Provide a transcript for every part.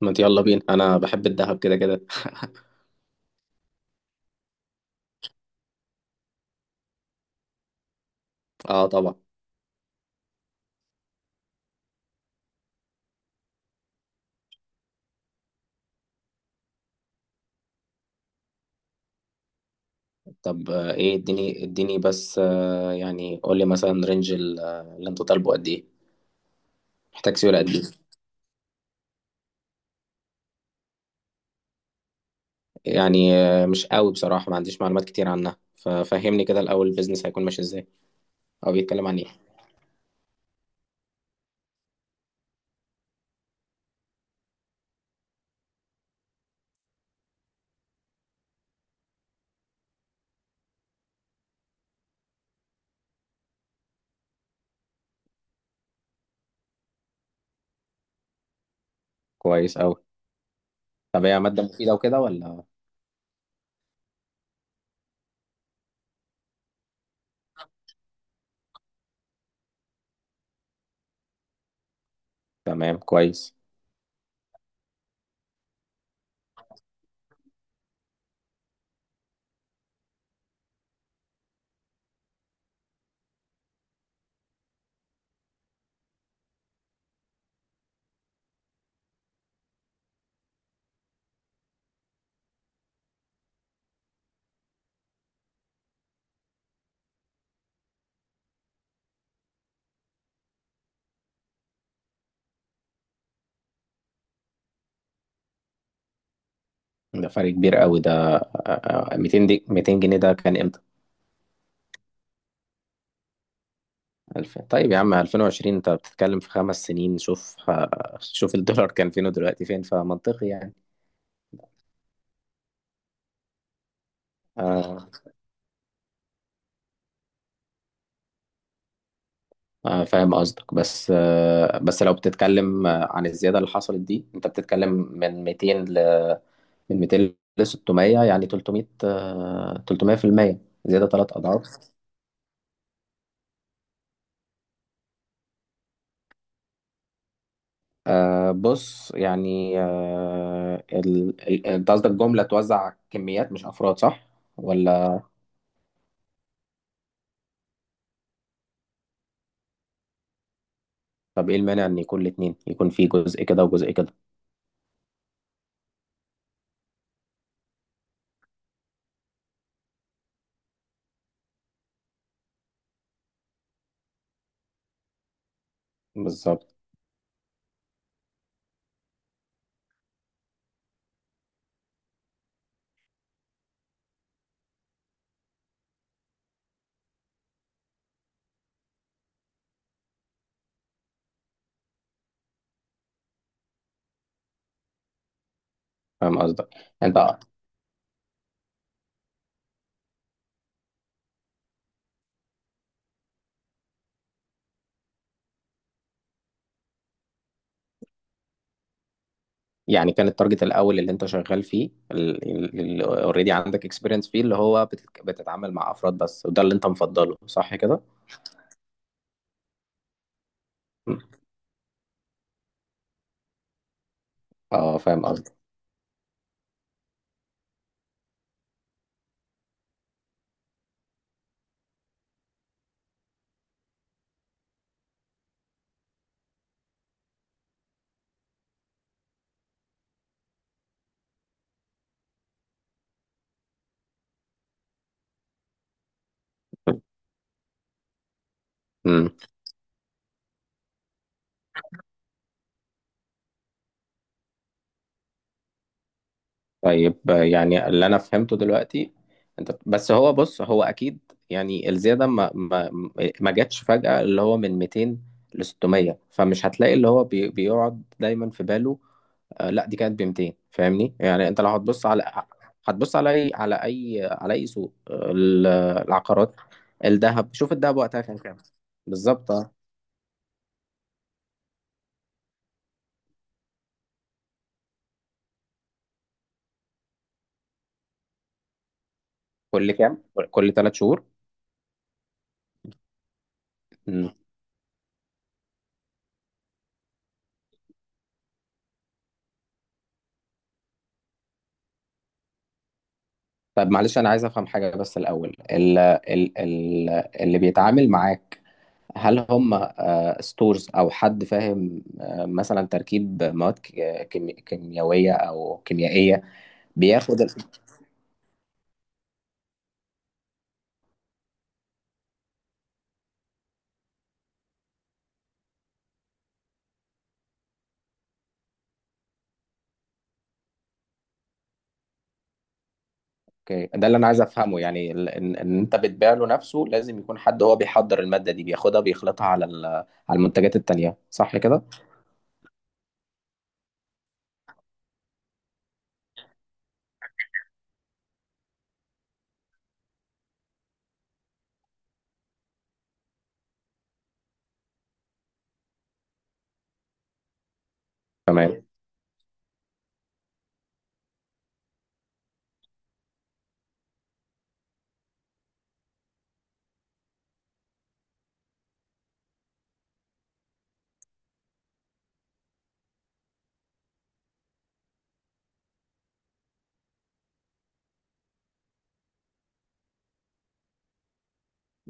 ما انت، يلا بينا، انا بحب الذهب كده كده. اه، طبعا. طب ايه؟ اديني اديني بس، يعني قول لي مثلا رينج اللي انت طالبه قد ايه؟ محتاج سيوله قد ايه؟ يعني مش قوي، بصراحه ما عنديش معلومات كتير عنها، ففهمني كده الاول البيزنس هيكون ماشي ازاي او بيتكلم عن ايه. كويس قوي. طب هي ماده مفيده وكده، ولا؟ تمام، كويس. ده فرق كبير قوي ده. 200 دي، 200 جنيه ده كان امتى؟ ألف. طيب يا عم، 2020 أنت بتتكلم في 5 سنين. شوف الدولار كان فين ودلوقتي فين، فمنطقي يعني. آه، فاهم قصدك. بس لو بتتكلم عن الزيادة اللي حصلت دي، أنت بتتكلم من 200 ل 600، يعني 300% زيادة، 3 أضعاف. آه، بص. يعني انت قصدك جملة توزع كميات مش أفراد، صح؟ ولا؟ طب ايه المانع ان يكون الاتنين، يكون في جزء كده وجزء كده؟ بالظبط. فاهم قصدك. انت، يعني كان التارجت الاول اللي انت شغال فيه، اللي اوريدي عندك اكسبيرينس فيه، اللي هو بتتعامل مع افراد بس، وده اللي انت مفضله، صح كده؟ م. اه، فاهم قصدك. امم. طيب، يعني اللي انا فهمته دلوقتي انت، بس هو بص، هو اكيد يعني الزياده ما جاتش فجأة، اللي هو من 200 ل 600، فمش هتلاقي اللي هو بيقعد دايما في باله. لا، دي كانت ب 200، فاهمني؟ يعني انت لو هتبص على اي سوق، العقارات، شوف الذهب وقتها كان كام؟ بالظبط، اه. كل كام؟ كل 3 شهور؟ مم. طب معلش، انا عايز افهم حاجه بس الاول. ال ال ال اللي بيتعامل معاك، هل هم ستورز، او حد فاهم مثلا تركيب مواد، كيميائيه او كيميائيه؟ بياخد. اوكي، ده اللي انا عايز افهمه. يعني ان انت بتبيع له نفسه، لازم يكون حد هو بيحضر المادة دي، بياخدها بيخلطها على المنتجات التانية، صح كده؟ تمام.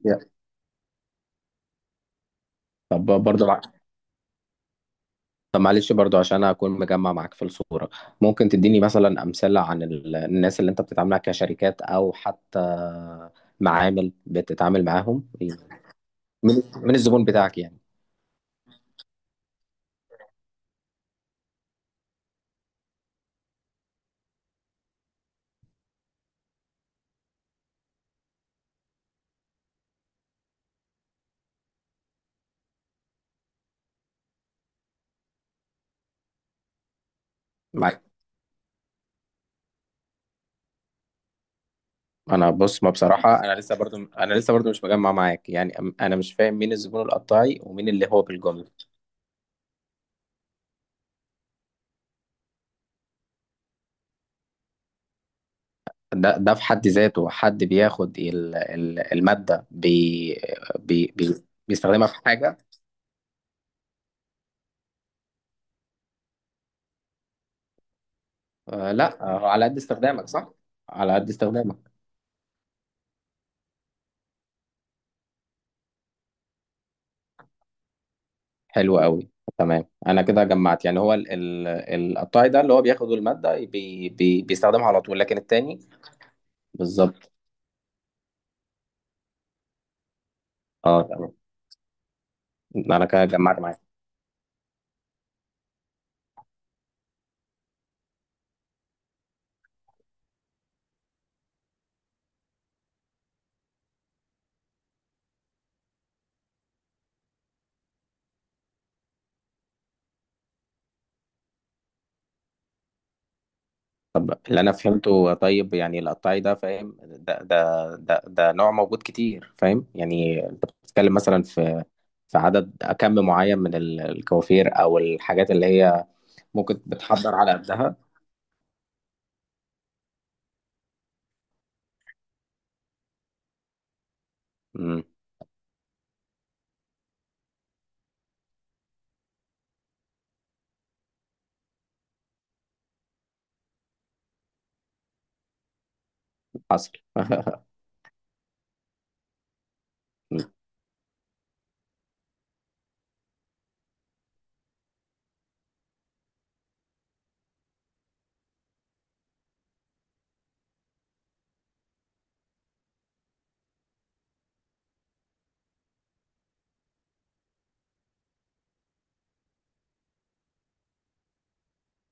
yeah. طب برضه طب معلش برضه، عشان اكون مجمع معاك في الصورة، ممكن تديني مثلا امثلة عن الناس اللي انت بتتعامل معاها كشركات، او حتى معامل بتتعامل معاهم، من من الزبون بتاعك يعني؟ معاك. انا، بص، ما بصراحه انا لسه برضو، مش مجمع معاك. يعني انا مش فاهم مين الزبون القطاعي ومين اللي هو بالجمله. ده في حد ذاته حد بياخد المادة، بي بي بي بيستخدمها في حاجة؟ آه لا، آه، على قد استخدامك، صح. على قد استخدامك. حلو قوي. تمام، انا كده جمعت. يعني هو القطاعي ده اللي هو بياخد المادة، بي بي بيستخدمها على طول، لكن التاني. بالظبط، اه. تمام، انا كده جمعت معاك. طب اللي انا فهمته، طيب يعني القطاعي ده، فاهم؟ ده نوع موجود كتير، فاهم؟ يعني انت بتتكلم مثلا في عدد كم معين من الكوافير، او الحاجات اللي هي ممكن بتحضر على قدها. امم. حصل.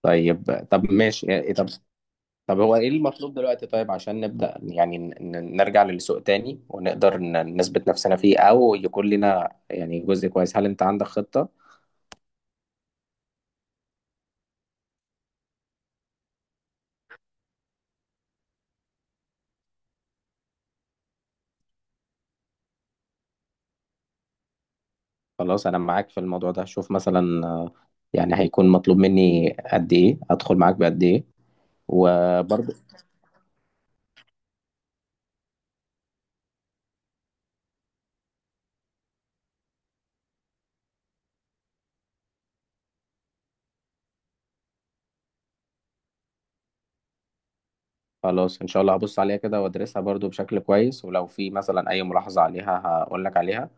طيب طب ماشي. إيه، طب. طب هو ايه المطلوب دلوقتي، طيب؟ عشان نبدأ يعني نرجع للسوق تاني، ونقدر نثبت نفسنا فيه، او يكون لنا يعني جزء كويس. هل انت عندك خطة؟ خلاص، انا معاك في الموضوع ده. شوف مثلا، يعني هيكون مطلوب مني قد ايه؟ ادخل معاك بقد ايه؟ وبرضه. خلاص، ان شاء الله هبص عليها كده وادرسها برضه بشكل كويس، ولو في مثلا اي ملاحظة عليها هقول لك عليها،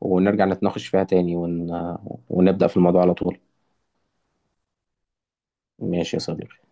ونرجع نتناقش فيها تاني، ونبدأ في الموضوع على طول. ماشي يا صديقي.